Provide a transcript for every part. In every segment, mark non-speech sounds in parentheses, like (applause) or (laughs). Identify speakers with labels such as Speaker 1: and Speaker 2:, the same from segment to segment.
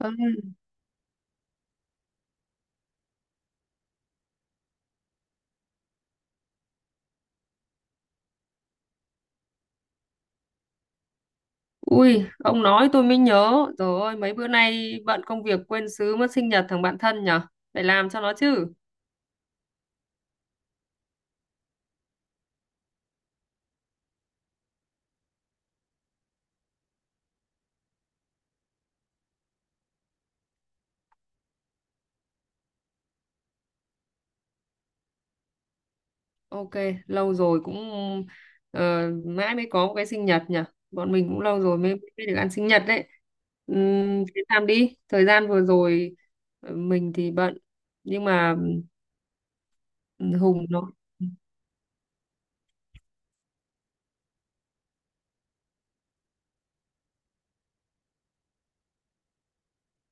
Speaker 1: Ừ. Ui, ông nói tôi mới nhớ. Trời ơi, mấy bữa nay bận công việc quên sứ mất sinh nhật thằng bạn thân nhở? Phải làm cho nó chứ. Ok, lâu rồi cũng mãi mới có một cái sinh nhật nhở. Bọn mình cũng lâu rồi mới được ăn sinh nhật đấy. Thế làm đi. Thời gian vừa rồi mình thì bận. Nhưng mà ừ, Hùng nó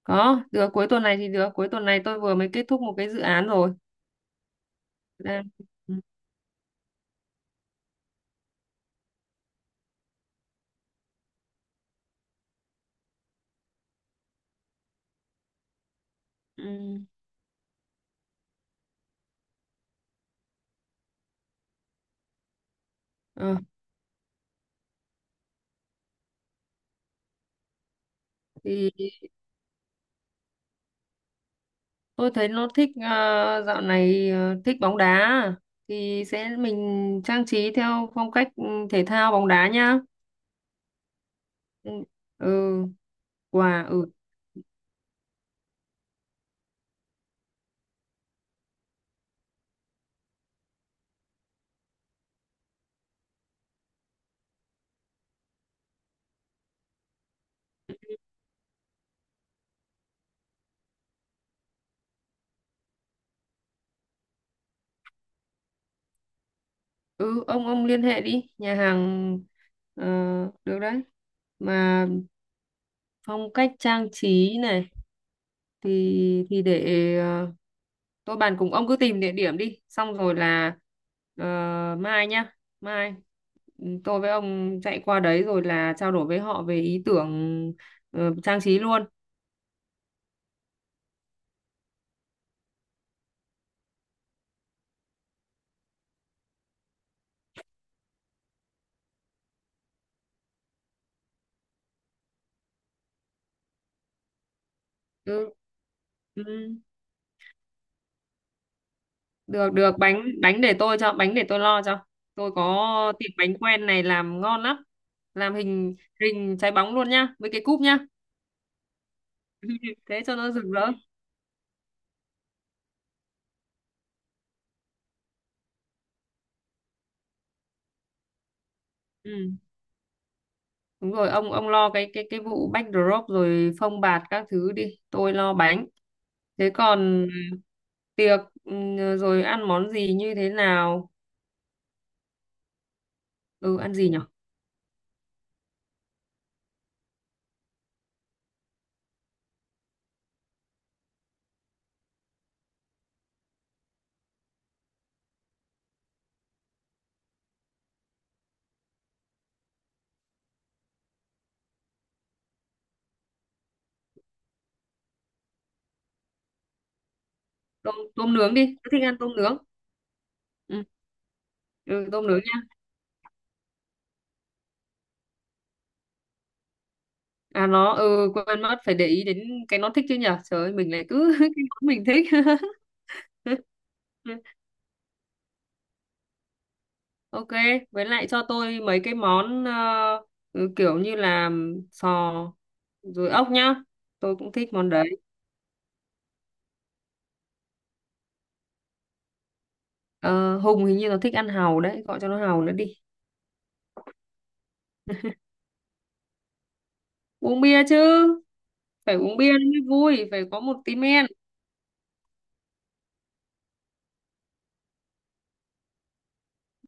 Speaker 1: có, được cuối tuần này thì được. Cuối tuần này tôi vừa mới kết thúc một cái dự án rồi. Đang... Ừ. Ờ, thì tôi thấy nó thích dạo này thích bóng đá thì sẽ mình trang trí theo phong cách thể thao bóng đá nhá. Ừ, ừ, quà. Ừ ừ ông liên hệ đi nhà hàng, ờ, được đấy. Mà phong cách trang trí này thì để tôi bàn cùng ông cứ tìm địa điểm đi, xong rồi là ờ, mai nhá, mai tôi với ông chạy qua đấy rồi là trao đổi với họ về ý tưởng trang trí luôn. Ừ, ừ. được được, bánh bánh để tôi cho, bánh để tôi lo cho. Tôi có tiệm bánh quen này làm ngon lắm, làm hình hình trái bóng luôn nhá với cái cúp nhá. (laughs) Thế cho nó rực rỡ. Ừ. Đúng rồi, ông lo cái cái vụ backdrop rồi phông bạt các thứ đi, tôi lo bánh. Thế còn tiệc, rồi ăn món gì như thế nào? Ừ Ăn gì nhở? Tôm tôm nướng đi, tôi thích ăn tôm nướng. Ừ, ừ, tôm nướng. À nó, quên mất phải để ý đến cái nó thích chứ nhở. Trời ơi, mình lại cứ (laughs) cái món mình thích. (laughs) Ok, với lại cho tôi mấy cái món kiểu như là sò rồi ốc nhá. Tôi cũng thích món đấy. Ờ, Hùng hình như nó thích ăn hàu đấy, gọi cho nó hàu nữa đi. Uống bia chứ, phải uống bia nó mới vui, phải có một tí men.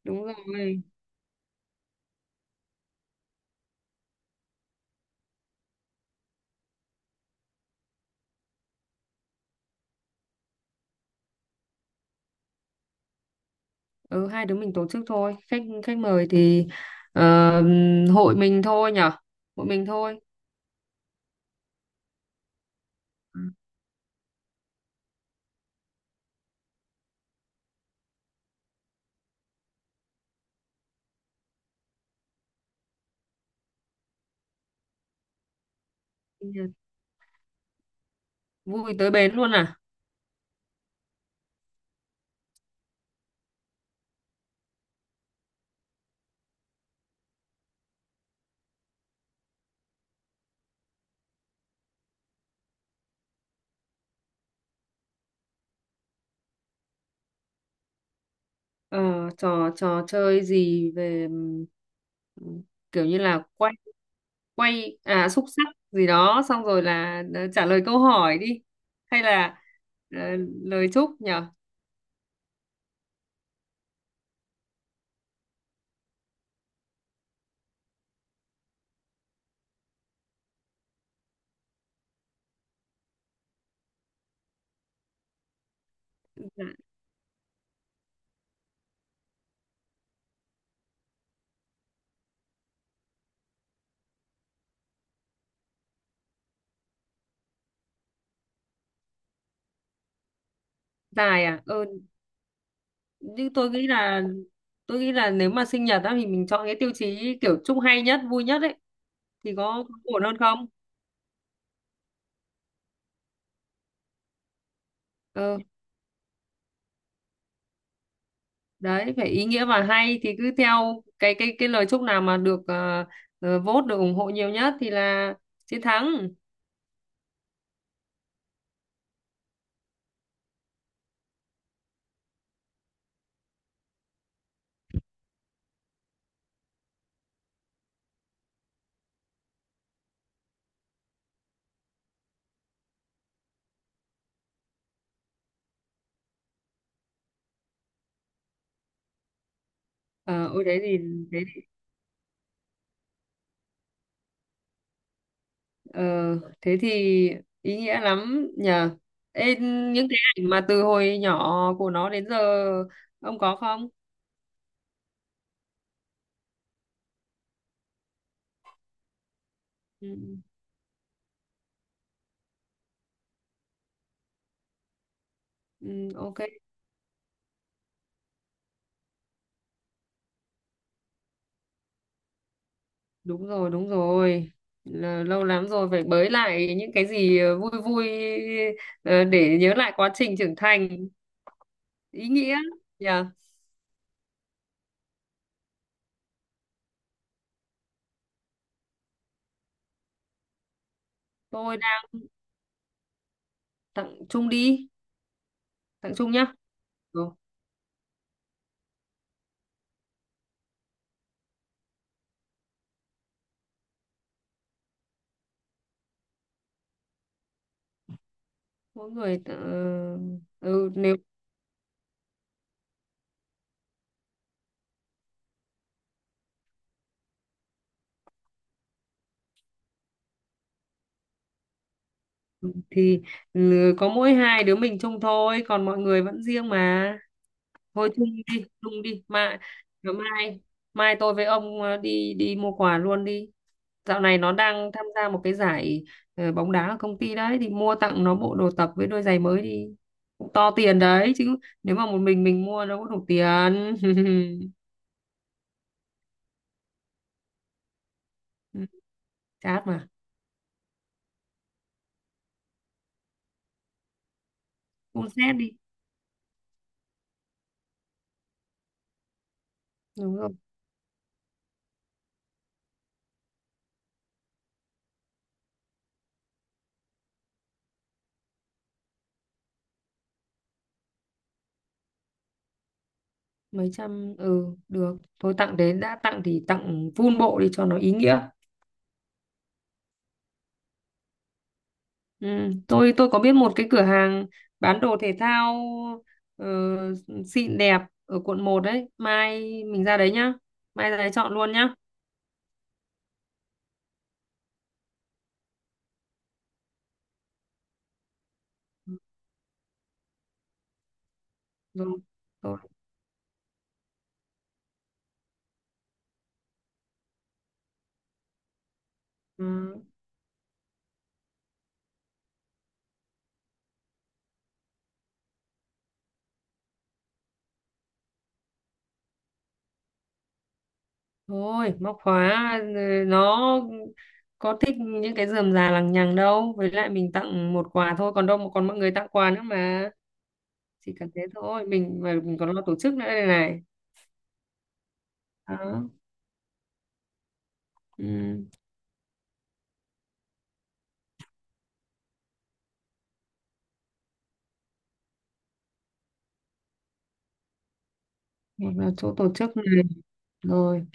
Speaker 1: Đúng rồi. Ừ, hai đứa mình tổ chức thôi. Khách khách mời thì ờ, hội mình thôi nhở. Hội mình thôi. Ừ. Vui tới bến luôn à? Ờ, trò trò chơi gì về, ừm, kiểu như là quay, quay à, xúc xắc gì đó, xong rồi là trả lời câu hỏi đi, hay là ờ, lời chúc nhở? Dạ, dài à, nhưng tôi nghĩ là nếu mà sinh nhật á thì mình chọn cái tiêu chí kiểu chúc hay nhất vui nhất ấy thì có ổn hơn không? Ừ. Đấy phải ý nghĩa và hay, thì cứ theo cái cái lời chúc nào mà được vote, được ủng hộ nhiều nhất thì là chiến thắng. Ờ ôi đấy thì thế thì, ờ, thế thì ý nghĩa lắm nhờ. Ê, những cái ảnh mà từ hồi nhỏ của nó đến giờ ông có không? Ừ, ừ, ok. Đúng rồi đúng rồi, là lâu lắm rồi phải bới lại những cái gì vui vui, để nhớ lại quá trình trưởng thành, ý nghĩa nhờ. Tôi tặng chung đi, tặng chung nhá. Ừ. mỗi người tặng- ờ, ừ, Nếu thì có mỗi hai đứa mình chung thôi, còn mọi người vẫn riêng mà. Thôi chung đi mà. Mai mai tôi với ông đi đi mua quà luôn đi. Dạo này nó đang tham gia một cái giải bóng đá ở công ty đấy, thì mua tặng nó bộ đồ tập với đôi giày mới đi, cũng to tiền đấy chứ. Nếu mà một mình mua đâu có đủ tiền. (laughs) Ừ, chát mà, cũng xét đi. Đúng rồi. Mấy trăm, ừ, được thôi, tặng đến, đã tặng thì tặng full bộ đi cho nó ý nghĩa. Ừ. tôi có biết một cái cửa hàng bán đồ thể thao ờ, xịn đẹp ở quận 1 đấy, mai mình ra đấy nhá. Mai ra đấy chọn luôn nhá. Rồi, rồi. Ừ. Thôi, móc khóa, nó có thích những cái rườm rà lằng nhằng đâu, với lại mình tặng một quà thôi, còn đâu mà còn mọi người tặng quà nữa mà. Chỉ cần thế thôi, mình mà mình còn lo tổ chức nữa đây này. Đó. Ừ. Hoặc là chỗ tổ chức này. Rồi.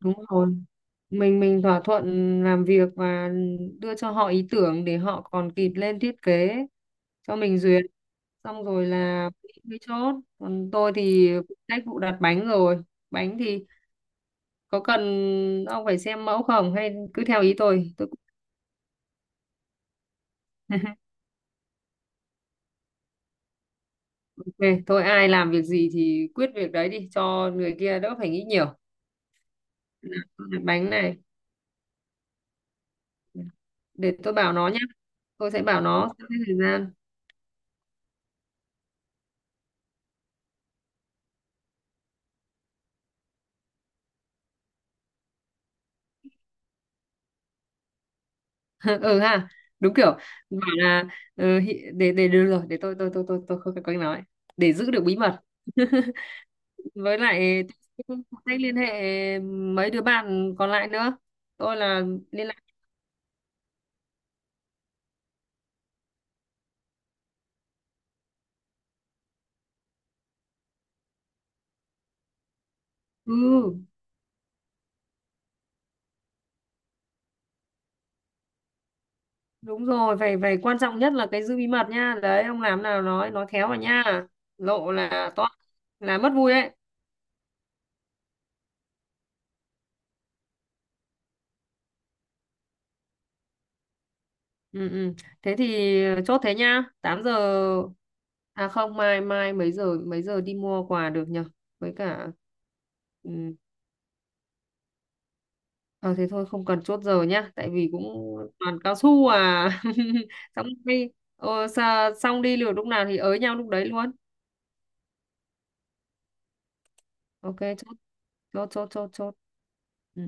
Speaker 1: Đúng rồi, mình thỏa thuận làm việc và đưa cho họ ý tưởng để họ còn kịp lên thiết kế cho mình duyệt, xong rồi là mới chốt. Còn tôi thì phụ trách vụ đặt bánh. Rồi, bánh thì có cần ông phải xem mẫu không hay cứ theo ý tôi? (laughs) Ok, tôi, ai làm việc gì thì quyết việc đấy đi cho người kia đỡ phải nghĩ nhiều. Đặt bánh này, để tôi bảo nó nhé. Tôi sẽ bảo nó sắp xếp thời gian. (laughs) Ừ ha, đúng kiểu, bảo là, để được rồi, để tôi không cần cách nói để giữ được bí mật. (laughs) Với lại tôi cũng không cách liên hệ mấy đứa bạn còn lại nữa, tôi là liên lạc. Ừ, đúng rồi, phải phải quan trọng nhất là cái giữ bí mật nha, đấy ông làm nào nói khéo vào nha, lộ là to, là mất vui đấy. Ừ, ừ. Thế thì chốt thế nhá. 8 giờ, à không, mai, mấy giờ đi mua quà được nhở? Với cả, ừ. Ờ thế thôi, không cần chốt giờ nhá, tại vì cũng toàn cao su à. (laughs) Xong đi. Ờ, xong đi, liệu lúc nào thì ới nhau lúc đấy luôn. Ok, chốt, chốt chốt chốt chốt. Ừ.